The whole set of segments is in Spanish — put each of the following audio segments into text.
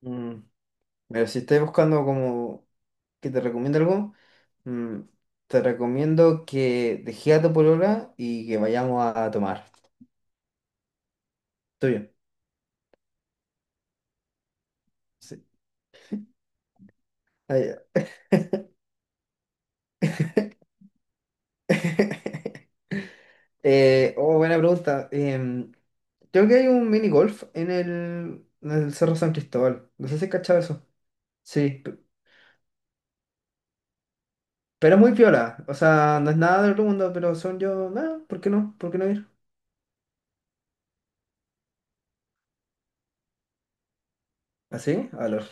Mm. Pero si estás buscando como que te recomiende algo, mm, te recomiendo que dejes a tu polola y que vayamos a tomar. Tuyo Sí. Ah, ya. Oh, buena pregunta. Creo que hay un mini golf en el Cerro San Cristóbal. No sé si has cachado eso. Sí, p- pero es muy piola. O sea, no es nada del otro mundo, pero son yo. Nada, ¿por qué no? ¿Por qué no ir? ¿Así? ¿Ah, sí? A los.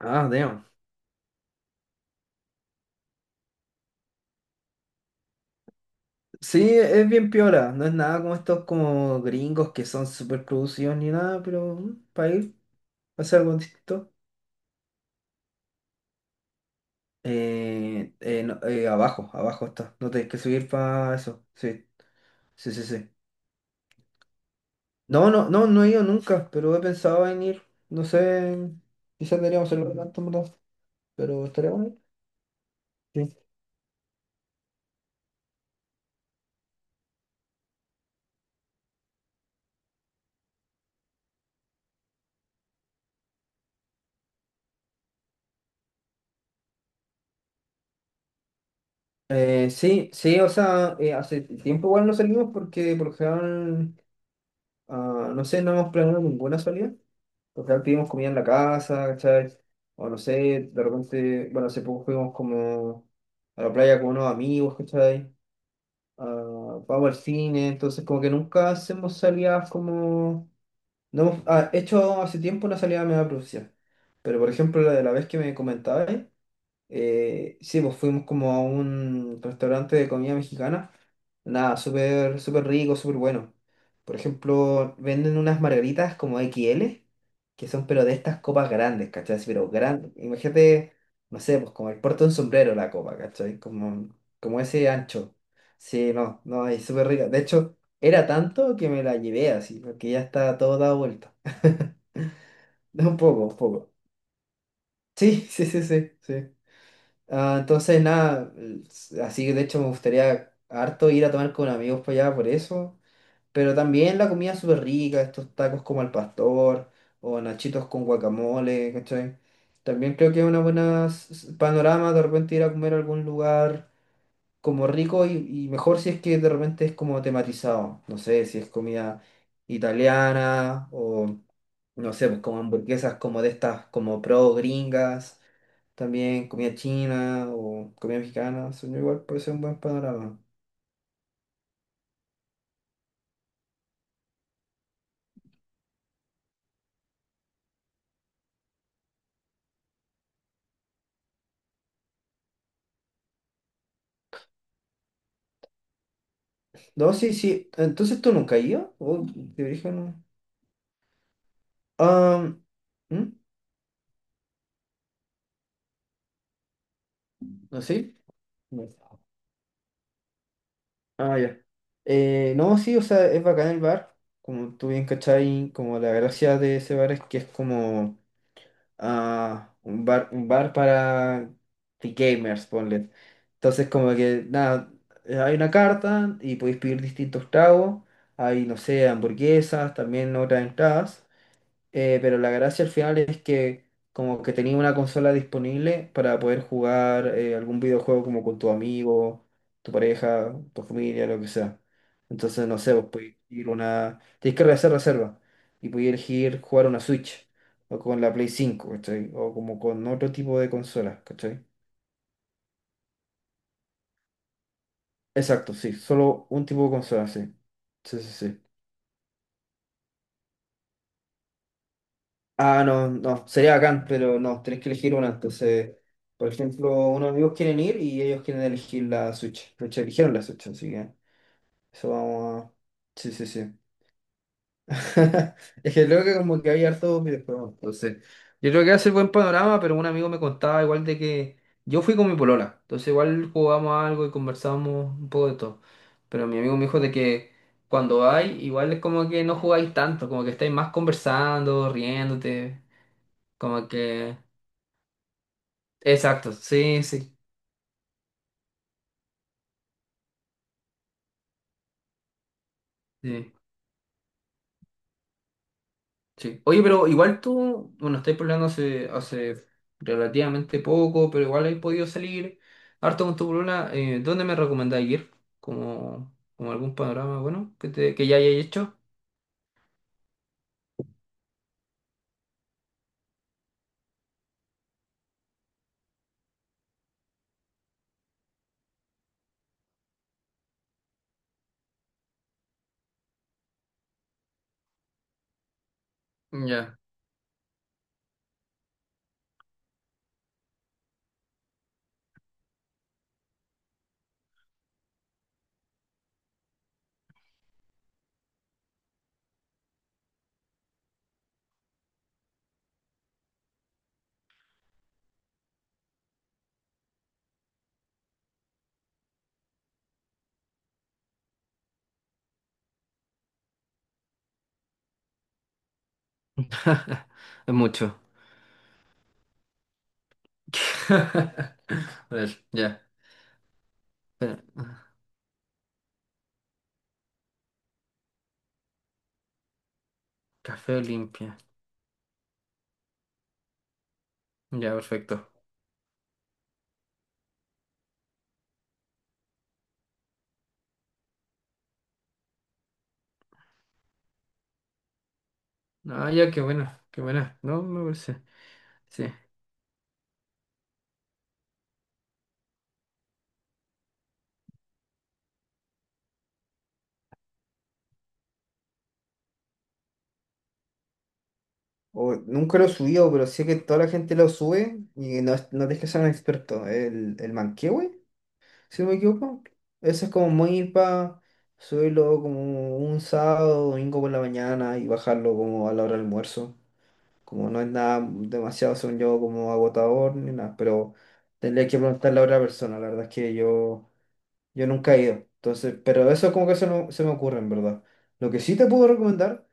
Ah, damn. Sí, es bien piola, no es nada como estos como gringos que son súper producidos ni nada, pero para ir a hacer algo distinto. No, abajo, abajo está, no tenés que subir para eso, sí, sí, sí, sí. No, no, no, no he ido nunca, pero he pensado en ir, no sé, quizás deberíamos hacerlo pronto, en verdad, pero estaría bueno. Sí. Sí, sí, o sea, hace tiempo igual no salimos porque por lo general, no sé, no hemos planeado ninguna salida. Total, pedimos comida en la casa, ¿cachai? O no sé, de repente, bueno, hace poco fuimos como a la playa con unos amigos, ¿cachai? Ah, vamos al cine, entonces como que nunca hacemos salidas como... No hemos hecho hace tiempo una salida media profesional, pero por ejemplo la de la vez que me comentabas, sí, pues fuimos como a un restaurante de comida mexicana. Nada, súper, súper rico, súper bueno. Por ejemplo, venden unas margaritas como XL, que son pero de estas copas grandes, ¿cachai? Así, pero grandes. Imagínate, no sé, pues como el puerto de un sombrero la copa, ¿cachai? Como ese ancho. Sí, no, no, es súper rica. De hecho, era tanto que me la llevé así, porque ya está todo dado vuelta. Un poco, un poco. Sí, sí, sí, sí, sí. Ah, entonces, nada, así que de hecho me gustaría harto ir a tomar con amigos para allá por eso. Pero también la comida súper rica, estos tacos como al pastor o nachitos con guacamole, ¿cachai? También creo que es una buena panorama de repente ir a comer a algún lugar como rico y mejor si es que de repente es como tematizado. No sé, si es comida italiana o no sé, pues como hamburguesas como de estas como pro gringas también comida china o comida mexicana, son igual, puede ser un buen panorama. No, sí, sí. Entonces tú nunca has ido o de origen no. Ah, ¿mm? ¿No sí? No. Ah, ya. No, sí, o sea, es bacán el bar. Como tú bien cachai, como la gracia de ese bar es que es como un bar para gamers, ponle. Entonces, como que, nada, hay una carta y podéis pedir distintos tragos. Hay, no sé, hamburguesas, también otras entradas. Pero la gracia al final es que como que tenía una consola disponible para poder jugar algún videojuego como con tu amigo, tu pareja, tu familia, lo que sea. Entonces, no sé, vos podés ir una... Tenés que hacer reserva y podés elegir jugar una Switch o con la Play 5, ¿cachai? O como con otro tipo de consola, ¿cachai? Exacto, sí, solo un tipo de consola, sí. Sí, sí, sí. Ah, no, no, sería bacán, pero no, tenés que elegir una. Entonces, por ejemplo, unos amigos quieren ir y ellos quieren elegir la Switch. De hecho, eligieron la Switch, así que eso vamos a... Sí, sí, sí. Es que creo que como que había hartos videojuegos, entonces yo creo que hace buen panorama, pero un amigo me contaba igual de que yo fui con mi polola, entonces igual jugamos algo y conversamos un poco de todo, pero mi amigo me dijo de que cuando vais igual es como que no jugáis tanto, como que estáis más conversando, riéndote, como que... Exacto, sí, sí. sí. Sí. Oye, pero igual tú, bueno, estáis pololeando hace relativamente poco, pero igual he podido salir harto con tu polola. ¿Dónde me recomendáis ir? Como algún panorama bueno que, que ya hayáis hecho. Ya. Es mucho. A ver, ya. Espera. Café Olimpia. Ya, perfecto. Ah, ya, qué buena, qué buena. No, me parece. Sí. Nunca lo he subido, pero sé que toda la gente lo sube y no, no tienes que ser un experto. El Manquehue. Si no me equivoco, eso es como muy para subirlo como un sábado, domingo por la mañana y bajarlo como a la hora del almuerzo. Como no es nada demasiado, según yo, como agotador ni nada, pero tendría que preguntarle a otra persona. La verdad es que yo nunca he ido. Entonces, pero eso como que se, no- se me ocurre, en verdad. Lo que sí te puedo recomendar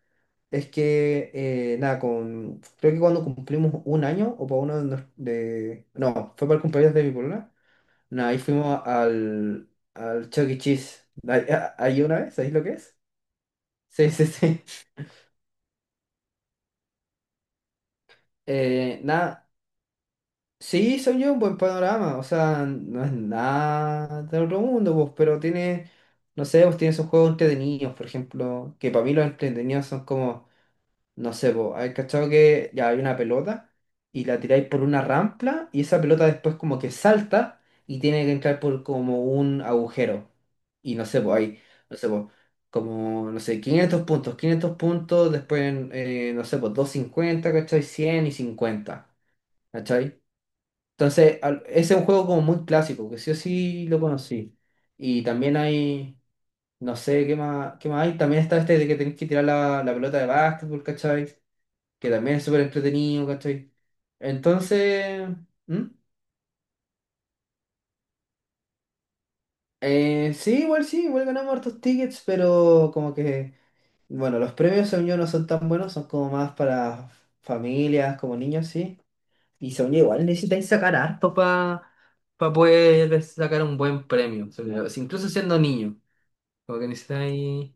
es que, nada, creo que cuando cumplimos un año o para uno de, nos- de- No, fue para el cumpleaños de mi polola no, ahí fuimos al, al Chuck E. Cheese. ¿Ahí una vez? ¿Sabéis lo que es? Sí, sí, sí. Nada, sí, son yo un buen panorama. O sea, no es nada de otro mundo, pues, pero tiene, no sé, pues tiene esos juegos entretenidos, por ejemplo, que para mí los entretenidos son como No sé, vos, hay cachado que ya hay una pelota y la tiráis por una rampla y esa pelota después como que salta y tiene que entrar por como un agujero. Y no sé, pues ahí, no sé, pues como, no sé, 500 puntos, 500 puntos, después, no sé, pues 250 ¿cachai? 100 y 50 ¿cachai? Entonces, ese es un juego como muy clásico, que sí o sí lo conocí. Y también hay, no sé, qué más hay? También está este de que tenés que tirar la pelota de básquetbol, ¿cachai? Que también es súper entretenido, ¿cachai? Entonces, ¿Mm? Sí, igual ganamos hartos tickets, pero como que, bueno, los premios según yo no son tan buenos, son como más para familias, como niños, sí. Y según yo igual necesitáis sacar harto para poder sacar un buen premio, según yo, incluso siendo niño, como que necesitáis...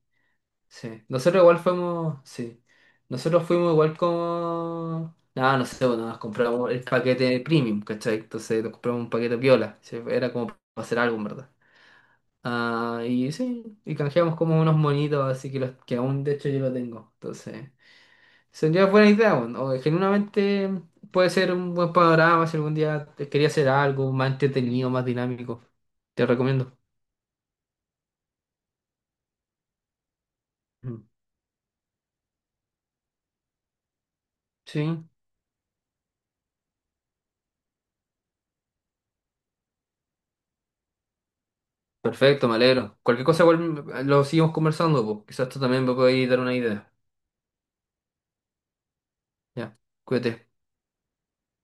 Sí, nosotros igual fuimos, sí, nosotros fuimos igual como, nada, no sé, bueno, nos compramos el paquete premium, ¿cachai? Entonces nos compramos un paquete piola, sí, era como para hacer algo, en ¿verdad? Ah, y sí, y canjeamos como unos monitos, así que los que aún de hecho yo lo tengo, entonces, sería buena idea, bueno, o genuinamente puede ser un buen panorama si algún día te quería hacer algo más entretenido, más dinámico, te recomiendo. Mm. Sí, Perfecto, me alegro. Cualquier cosa igual lo seguimos conversando, pues. Quizás tú también me puedes dar una idea. Ya, cuídate.